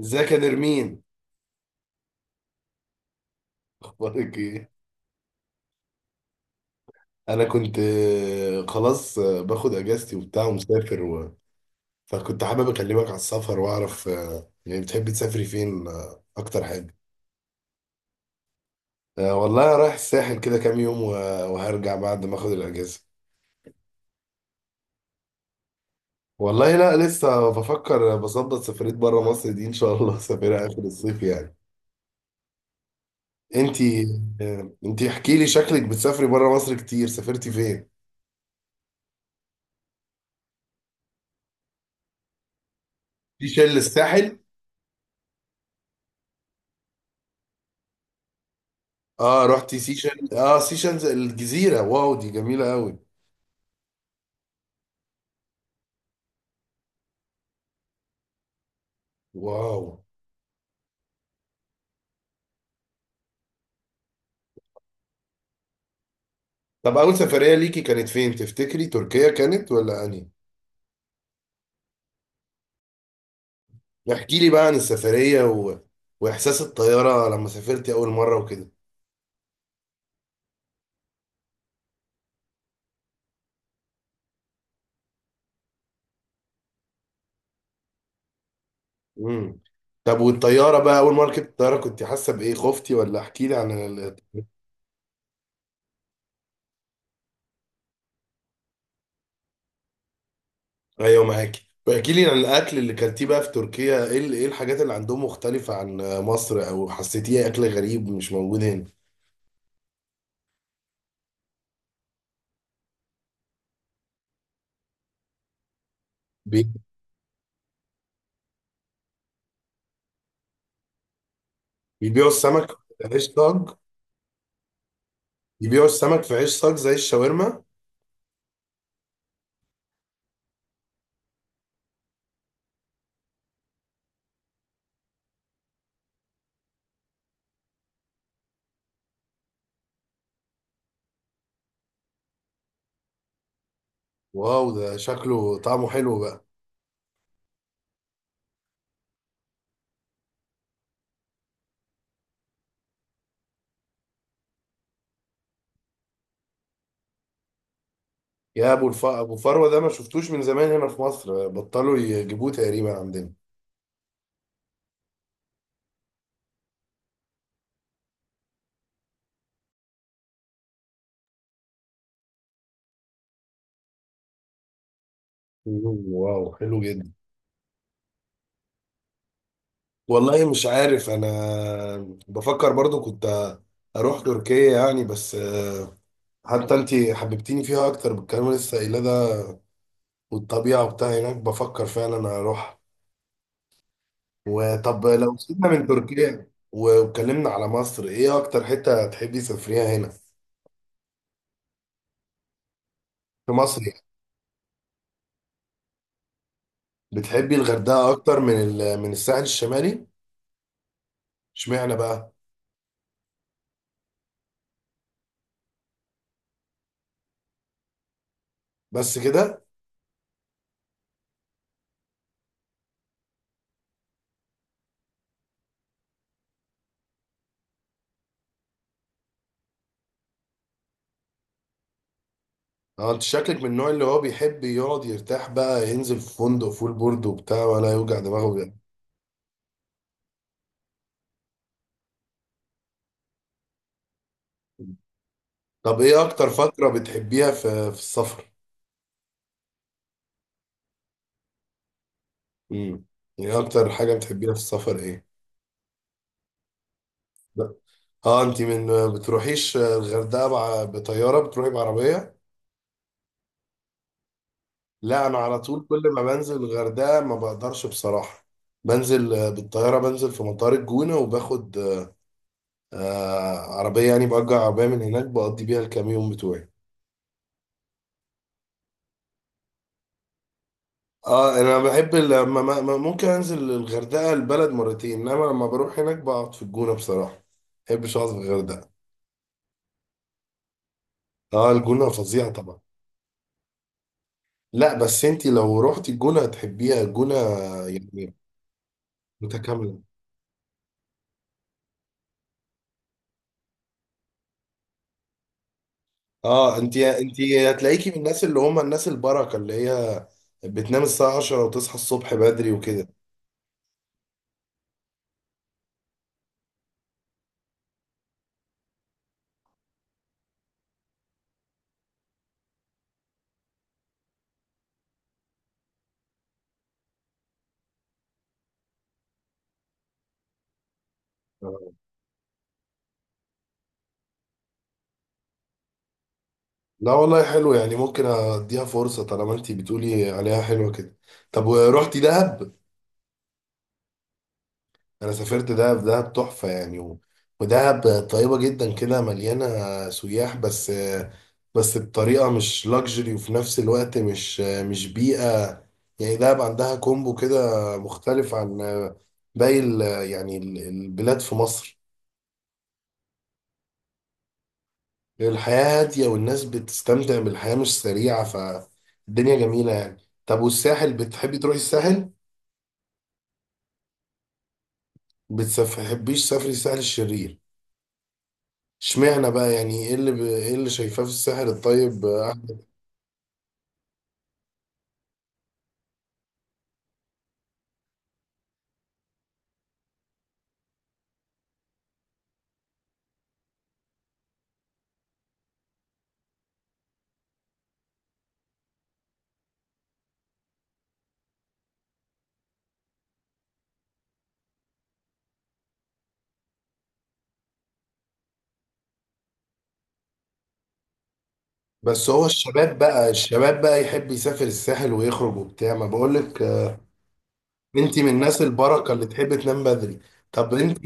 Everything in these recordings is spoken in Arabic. ازيك يا نرمين؟ اخبارك ايه؟ انا كنت خلاص، باخد اجازتي وبتاع ومسافر فكنت حابب اكلمك على السفر واعرف، يعني بتحبي تسافري فين، اكتر حاجه؟ والله أنا رايح الساحل كده كام يوم وهرجع بعد ما اخد الاجازه. والله لا لسه بفكر، بظبط سفريه بره مصر دي ان شاء الله سافرها اخر الصيف يعني. انتي؟ احكي لي، شكلك بتسافري بره مصر كتير، سافرتي فين؟ في شل الساحل. اه رحتي سيشن، اه سيشنز الجزيرة، واو دي جميلة قوي. واو. طب اول سفرية ليكي كانت فين تفتكري، تركيا كانت ولا انهي؟ احكي لي بقى عن السفرية واحساس الطيارة لما سافرتي اول مرة وكده. امم. طب والطيارة بقى اول مرة ركبت الطيارة كنت حاسة بايه، خفتي ولا؟ احكي لي عن ايوه معاكي، واحكي لي عن الاكل اللي كلتيه بقى في تركيا، ايه ايه الحاجات اللي عندهم مختلفة عن مصر او حسيتيها اكل غريب مش موجود هنا؟ بي- بيبيعوا السمك؟ ملهاش طاج؟ يبيعوا السمك في عيش صاج زي الشاورما؟ واو، ده شكله طعمه حلو بقى. يا ابو فروه ده ما شفتوش من زمان هنا في مصر، بطلوا يجيبوه تقريبا عندنا. مم، واو حلو جدا. والله مش عارف انا. بفكر برضو كنت اروح تركيا يعني بس، حتى انت حببتيني فيها اكتر بالكلام اللي لسه قايله ده، والطبيعه وبتاع هناك، بفكر فعلا اروح. وطب لو سيبنا من تركيا واتكلمنا على مصر، ايه اكتر حته تحبي تسافريها هنا في مصر؟ بتحبي الغردقه اكتر من من الساحل الشمالي؟ اشمعنى بقى؟ بس كده؟ اه، انت شكلك من النوع اللي هو بيحب يقعد يرتاح بقى، ينزل في فندق فول بورد وبتاع ولا يوجع دماغه يعني. طب ايه اكتر فتره بتحبيها في السفر؟ امم. يعني اكتر حاجه بتحبيها في السفر ايه؟ لا. اه، انت من بتروحيش الغردقه مع بطياره، بتروحي بعربيه؟ لا، انا على طول كل ما بنزل الغردقه ما بقدرش بصراحه. بنزل بالطياره، بنزل في مطار الجونه وباخد عربية، يعني بأجر عربية من هناك بقضي بيها الكام يوم بتوعي. اه، انا بحب لما ممكن انزل الغردقة البلد مرتين، انما لما بروح هناك بقعد في الجونة بصراحة، ما بحبش اقعد في الغردقة. اه الجونة فظيعة طبعا. لا بس انت لو رحت الجونة هتحبيها الجونة، يعني متكاملة. اه، انت هتلاقيكي من الناس اللي هم الناس البركة، اللي هي بتنام الساعة 10 وتصحى الصبح بدري وكده. لا والله حلو يعني، ممكن اديها فرصة طالما انتي بتقولي عليها حلوة كده. طب ورحتي دهب؟ انا سافرت دهب، دهب تحفة يعني ودهب طيبة جدا كده، مليانة سياح بس، بس بطريقة مش لاكجري، وفي نفس الوقت مش بيئة، يعني دهب عندها كومبو كده مختلف عن باقي يعني البلاد في مصر. الحياة هادية والناس بتستمتع بالحياة مش سريعة، فالدنيا جميلة يعني. طب والساحل، بتحبي تروحي الساحل؟ بتحبيش سفري الساحل الشرير؟ اشمعنى بقى، يعني ايه اللي ايه اللي شايفاه في الساحل الطيب؟ بس هو الشباب بقى يحب يسافر الساحل ويخرج وبتاع ما بقولك. انت من الناس البركة اللي تحب تنام بدري. طب انت،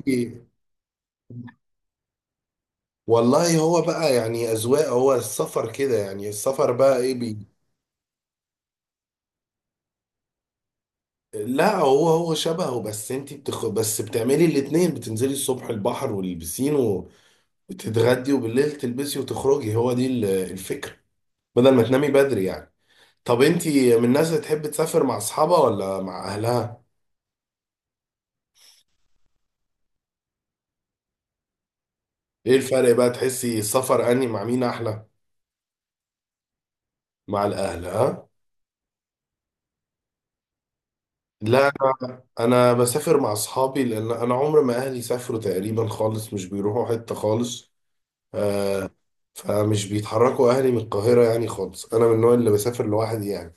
والله هو بقى يعني اذواق، هو السفر كده يعني السفر بقى ايه لا هو شبهه، بس بتعملي الاتنين، بتنزلي الصبح البحر والبسين وتتغدي، وبالليل تلبسي وتخرجي، هو دي الفكرة، بدل ما تنامي بدري يعني. طب انتي من الناس اللي تحب تسافر مع اصحابها ولا مع اهلها؟ ايه الفرق بقى، تحسي السفر اني مع مين احلى؟ مع الاهل؟ ها؟ لا انا بسافر مع اصحابي، لان انا عمر ما اهلي سافروا تقريبا خالص، مش بيروحوا حتة خالص، آه فمش بيتحركوا اهلي من القاهرة يعني خالص، انا من النوع اللي بسافر لوحدي يعني.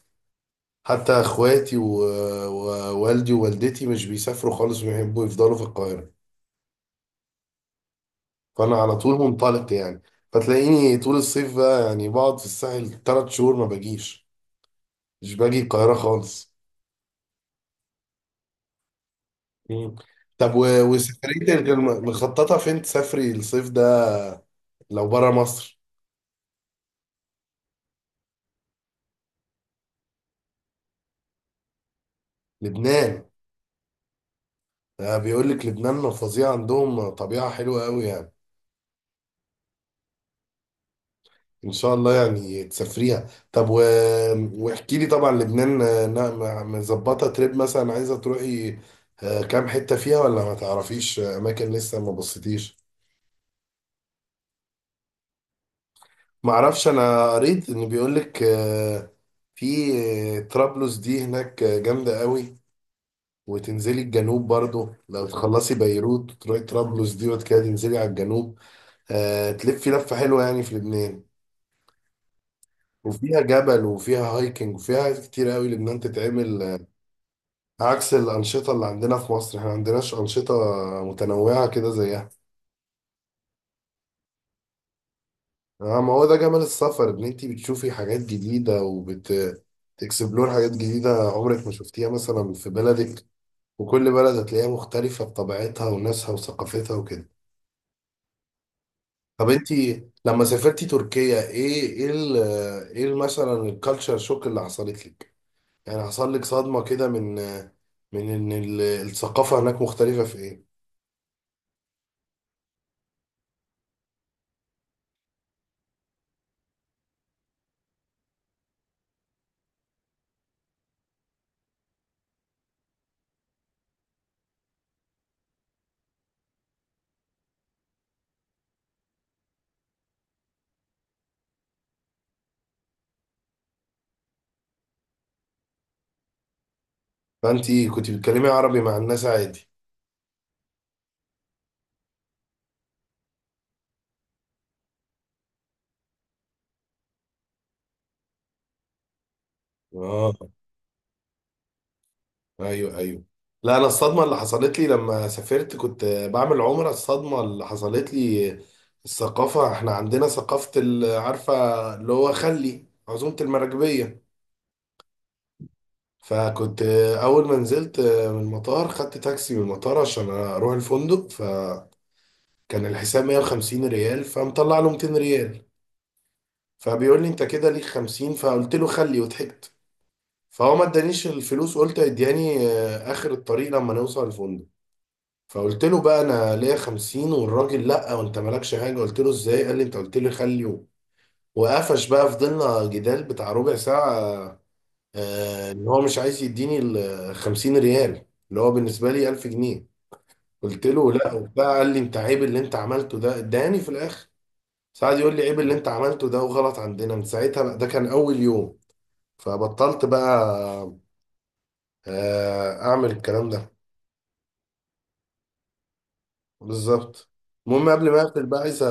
حتى اخواتي ووالدي ووالدتي مش بيسافروا خالص، بيحبوا يفضلوا في القاهرة. فانا على طول منطلق يعني، فتلاقيني طول الصيف بقى يعني بقعد في الساحل 3 شهور، ما باجيش، مش باجي القاهرة خالص. مم. طب وسفريتك مخططة فين تسافري الصيف ده، لو بره مصر؟ لبنان؟ بيقول لك لبنان فظيع، عندهم طبيعة حلوة قوي يعني، ان شاء الله يعني تسافريها. طب واحكي لي طبعا لبنان، مظبطة تريب مثلا عايزة تروحي، كام حتة فيها ولا ما تعرفيش اماكن لسه ما بصيتيش؟ معرفش، انا قريت ان بيقولك في طرابلس دي هناك جامدة قوي، وتنزلي الجنوب برضو لو تخلصي بيروت وتروحي طرابلس دي وبعد كده تنزلي على الجنوب، تلفي لفة حلوة يعني في لبنان. وفيها جبل وفيها هايكنج وفيها حاجات كتير قوي لبنان تتعمل، عكس الأنشطة اللي عندنا في مصر، احنا ما عندناش أنشطة متنوعة كده زيها. اه ما هو ده جمال السفر، ان انت بتشوفي حاجات جديده وبت تكسبلور حاجات جديده عمرك ما شفتيها مثلا في بلدك، وكل بلد هتلاقيها مختلفه بطبيعتها وناسها وثقافتها وكده. طب انت لما سافرتي تركيا، مثلا الكالتشر شوك اللي حصلت لك؟ يعني حصل لك صدمه كده من ان الثقافه هناك مختلفه في ايه؟ فانت كنت بتتكلمي عربي مع الناس عادي؟ اه، ايوه ايوه. لا، انا الصدمه اللي حصلت لي لما سافرت كنت بعمل عمره، الصدمه اللي حصلت لي الثقافه، احنا عندنا ثقافه عارفه، اللي هو خلي عزومه المراكبيه. فكنت اول ما نزلت من المطار، خدت تاكسي من المطار عشان اروح الفندق، فكان الحساب 150 ريال، فمطلع له 200 ريال، فبيقول لي انت كده ليك 50، فقلت له خلي، وضحكت. فهو ما ادانيش الفلوس، قلت ادياني اخر الطريق لما نوصل الفندق. فقلت له بقى، انا ليا 50، والراجل لا وانت مالكش حاجه. قلت له ازاي؟ قال لي انت قلت لي خليه، وقفش بقى. فضلنا جدال بتاع ربع ساعه، ان هو مش عايز يديني ال 50 ريال اللي هو بالنسبه لي 1000 جنيه. قلت له لا وبتاع، قال لي انت عيب اللي انت عملته ده، اداني في الاخر. ساعد يقول لي عيب اللي انت عملته ده وغلط عندنا، من ساعتها بقى ده كان اول يوم، فبطلت بقى اعمل الكلام ده. بالظبط. المهم قبل ما اقفل بقى، عايز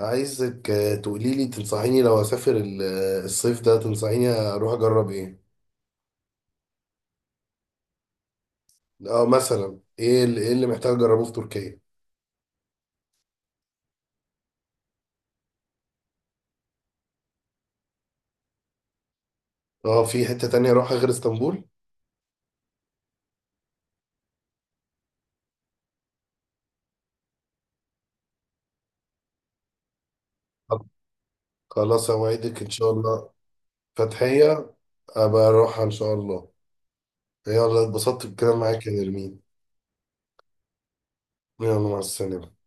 عايزك تقولي لي تنصحيني، لو اسافر الصيف ده تنصحيني اروح اجرب ايه؟ اه مثلا إيه اللي محتاج اجربه في تركيا؟ اه، في حتة تانية اروحها غير اسطنبول؟ طب خلاص، اوعدك ان شاء الله. فتحية، ابقى اروحها ان شاء الله. يلا، اتبسطت بالكلام معاك يا نرمين. يلا مع السلامة.